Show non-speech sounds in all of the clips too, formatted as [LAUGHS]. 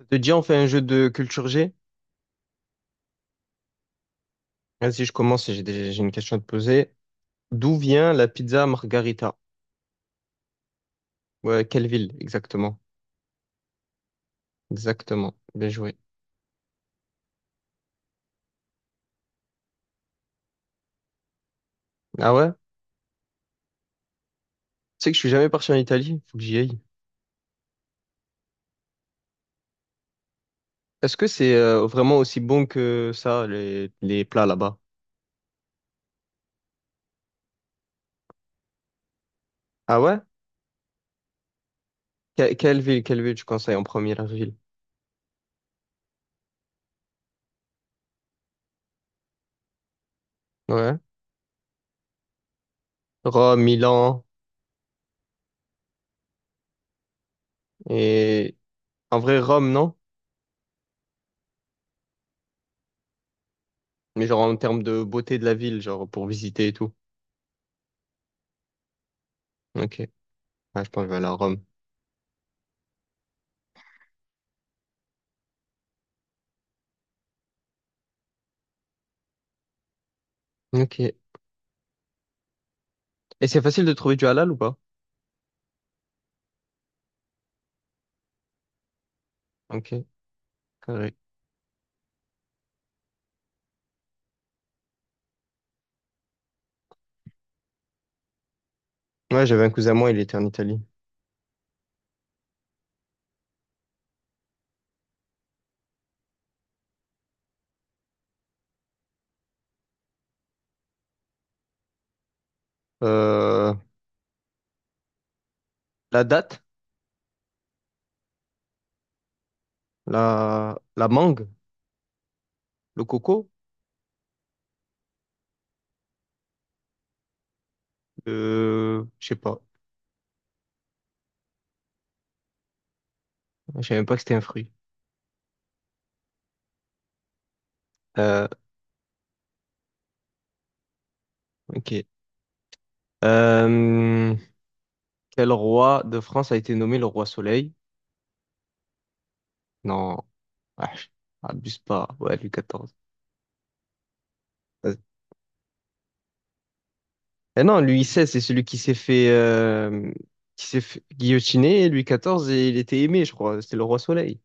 Ça te dit, on fait un jeu de culture G? Vas-y, je commence, j'ai une question à te poser. D'où vient la pizza Margarita? Ouais, quelle ville, exactement? Exactement, bien joué. Ah ouais? Tu sais que je suis jamais parti en Italie, faut que j'y aille. Est-ce que c'est vraiment aussi bon que ça, les plats là-bas? Ah ouais? Quelle ville, quelle ville tu conseilles en première ville? Ouais. Rome, Milan, et… En vrai, Rome, non? Mais genre en termes de beauté de la ville, genre pour visiter et tout. Ok. Ah, je pense que je vais aller à Rome. Ok. Et c'est facile de trouver du halal ou pas? Ok, carré. Ouais, j'avais un cousin à moi, il était en Italie. Euh, la date, la mangue, le coco, je sais pas. Je savais même pas que c'était un fruit. Euh, ok. Euh, quel roi de France a été nommé le roi Soleil? Non, ah, je- abuse pas. Ouais, Louis XIV. Vas-y. Eh non, Louis XVI, c'est celui qui s'est fait qui s'est fait guillotiner. Louis XIV, et il était aimé, je crois. C'était le roi Soleil.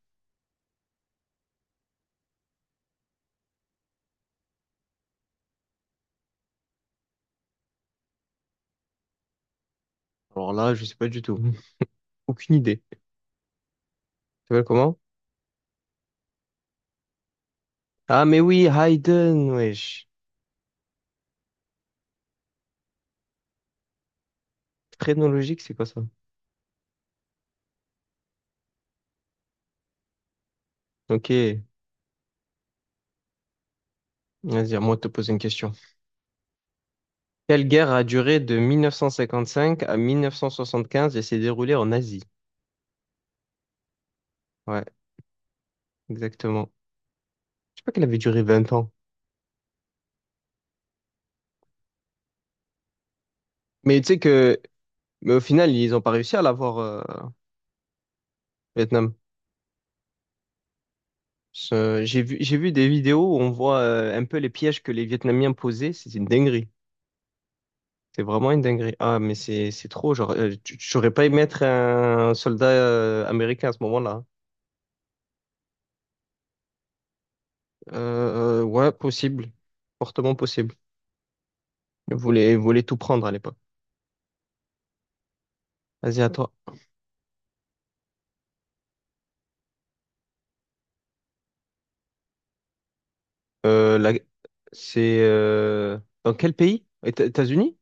Alors là, je sais pas du tout. [LAUGHS] Aucune idée. S'appelle comment? Ah, mais oui, Haydn, wesh. Phrénologique, c'est quoi ça? Ok, vas-y, à moi de te poser une question. Quelle guerre a duré de 1955 à 1975 et s'est déroulée en Asie? Ouais, exactement. Je sais pas qu'elle avait duré 20 ans. Mais tu sais que, mais au final, ils ont pas réussi à l'avoir, Vietnam. J'ai vu des vidéos où on voit un peu les pièges que les Vietnamiens posaient, c'est une dinguerie. C'est vraiment une dinguerie. Ah, mais c'est trop. Genre, j'aurais pas aimé être un soldat américain à ce moment-là. Ouais, possible. Fortement possible. Ils voulaient tout prendre à l'époque. Vas-y, à toi. Euh, la- C'est dans quel pays? États-Unis?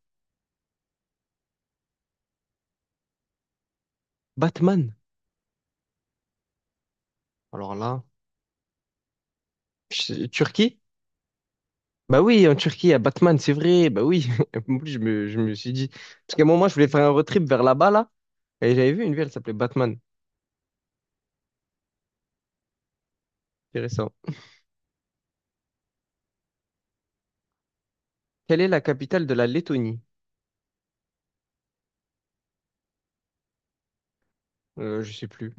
Batman. Alors là, Turquie? Bah oui, en Turquie, à Batman, c'est vrai. Bah oui. [LAUGHS] En plus, je me suis dit. Parce qu'à un moment, je voulais faire un road trip vers là-bas, là. Et j'avais vu une ville, elle s'appelait Batman. Intéressant. Quelle est la capitale de la Lettonie? Je sais plus.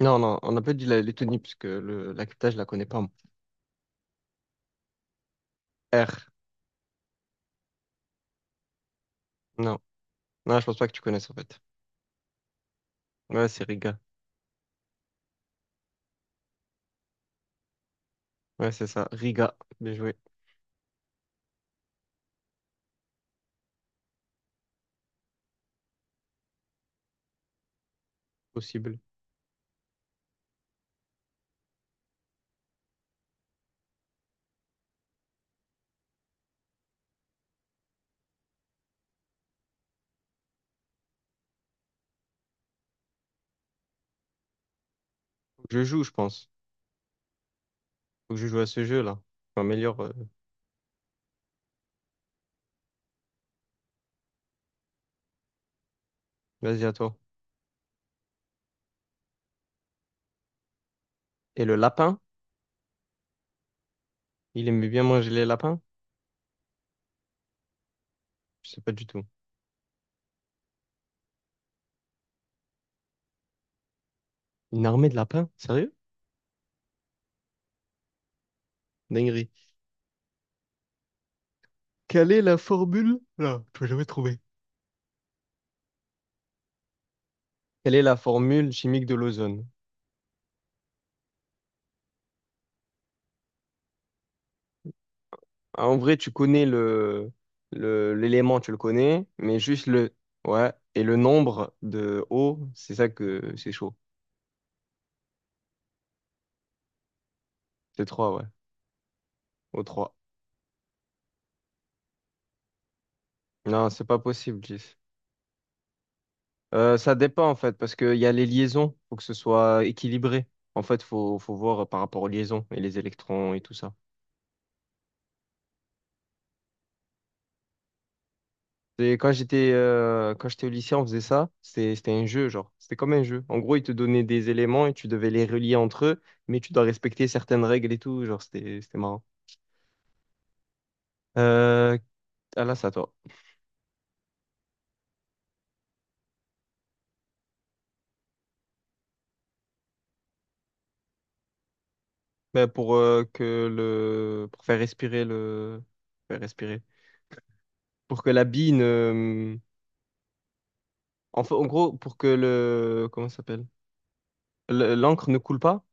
Non, non, on n'a pas dit la Lettonie parce que la capitale, je la connais pas. Moi. R. Non. Non, je pense pas que tu connaisses en fait. Ouais, c'est Riga. Ouais, c'est ça. Riga. Bien joué. Possible. Faut que je joue, je pense. Faut que je joue à ce jeu-là. Je m'améliore. Vas-y, à toi. Et le lapin? Il aimait bien manger les lapins? Je sais pas du tout. Une armée de lapins? Sérieux? Dinguerie. Quelle est la formule? Là, je vais jamais trouver. Quelle est la formule chimique de l'ozone? Ah, en vrai, tu connais l'élément, tu le connais, mais juste le, ouais, et le nombre de O, c'est ça que c'est chaud. C'est trois ouais. O trois. Non, c'est pas possible, 10. Ça dépend, en fait, parce qu'il y a les liaisons, faut que ce soit équilibré. En fait, faut voir par rapport aux liaisons et les électrons et tout ça. Quand j'étais au lycée, on faisait ça. C'était un jeu, genre. C'était comme un jeu. En gros, ils te donnaient des éléments et tu devais les relier entre eux, mais tu dois respecter certaines règles et tout. Genre, c'était marrant. Euh, ah là, c'est à toi. Ben, pour que le pour faire respirer le faire respirer pour que la bille ne hum, en, en gros pour que le comment ça s'appelle l'encre ne coule pas.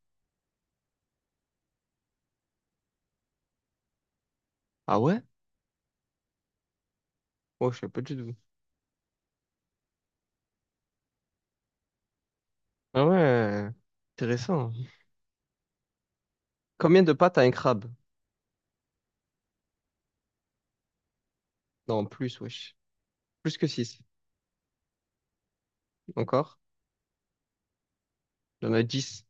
Ah ouais? Oh, je sais pas du tout. Ah ouais, intéressant. Combien de pattes a un crabe? Non, plus, wesh. Plus que 6. Encore? Il y en a 10.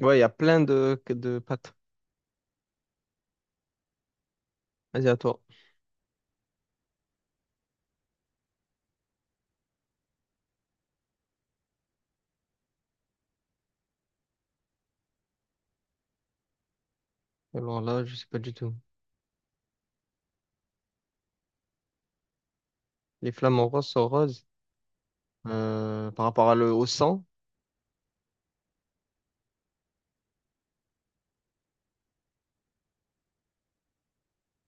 Ouais, il y a plein de pattes. Vas-y, à toi. Alors là, je sais pas du tout. Les flamants roses sont roses. Par rapport à le, au sang.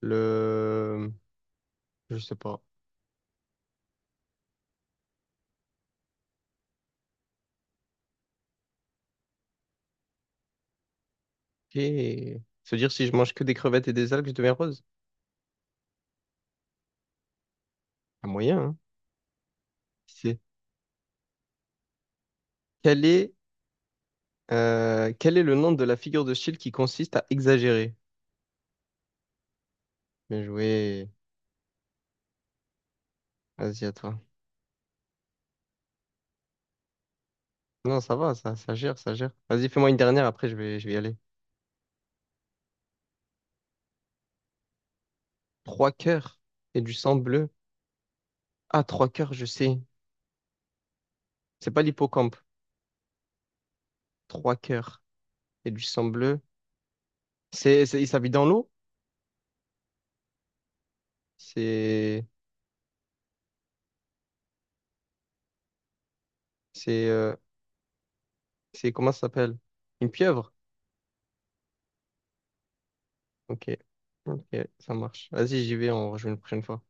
Le… Je sais pas. Et… Se dire si je mange que des crevettes et des algues, je deviens rose? Un moyen, hein? Qui sait. Quel est, quel est le nom de la figure de style qui consiste à exagérer? Bien joué. Vas-y, à toi. Non, ça va, ça gère, ça gère. Vas-y, fais-moi une dernière, après je vais y aller. Trois cœurs et du sang bleu. Ah, trois cœurs, je sais. C'est pas l'hippocampe. Trois cœurs et du sang bleu. Il s'habille dans l'eau? C'est, c'est, euh, comment ça s'appelle? Une pieuvre? Ok. Ok, ça marche. Vas-y, j'y vais, on rejoue une prochaine fois.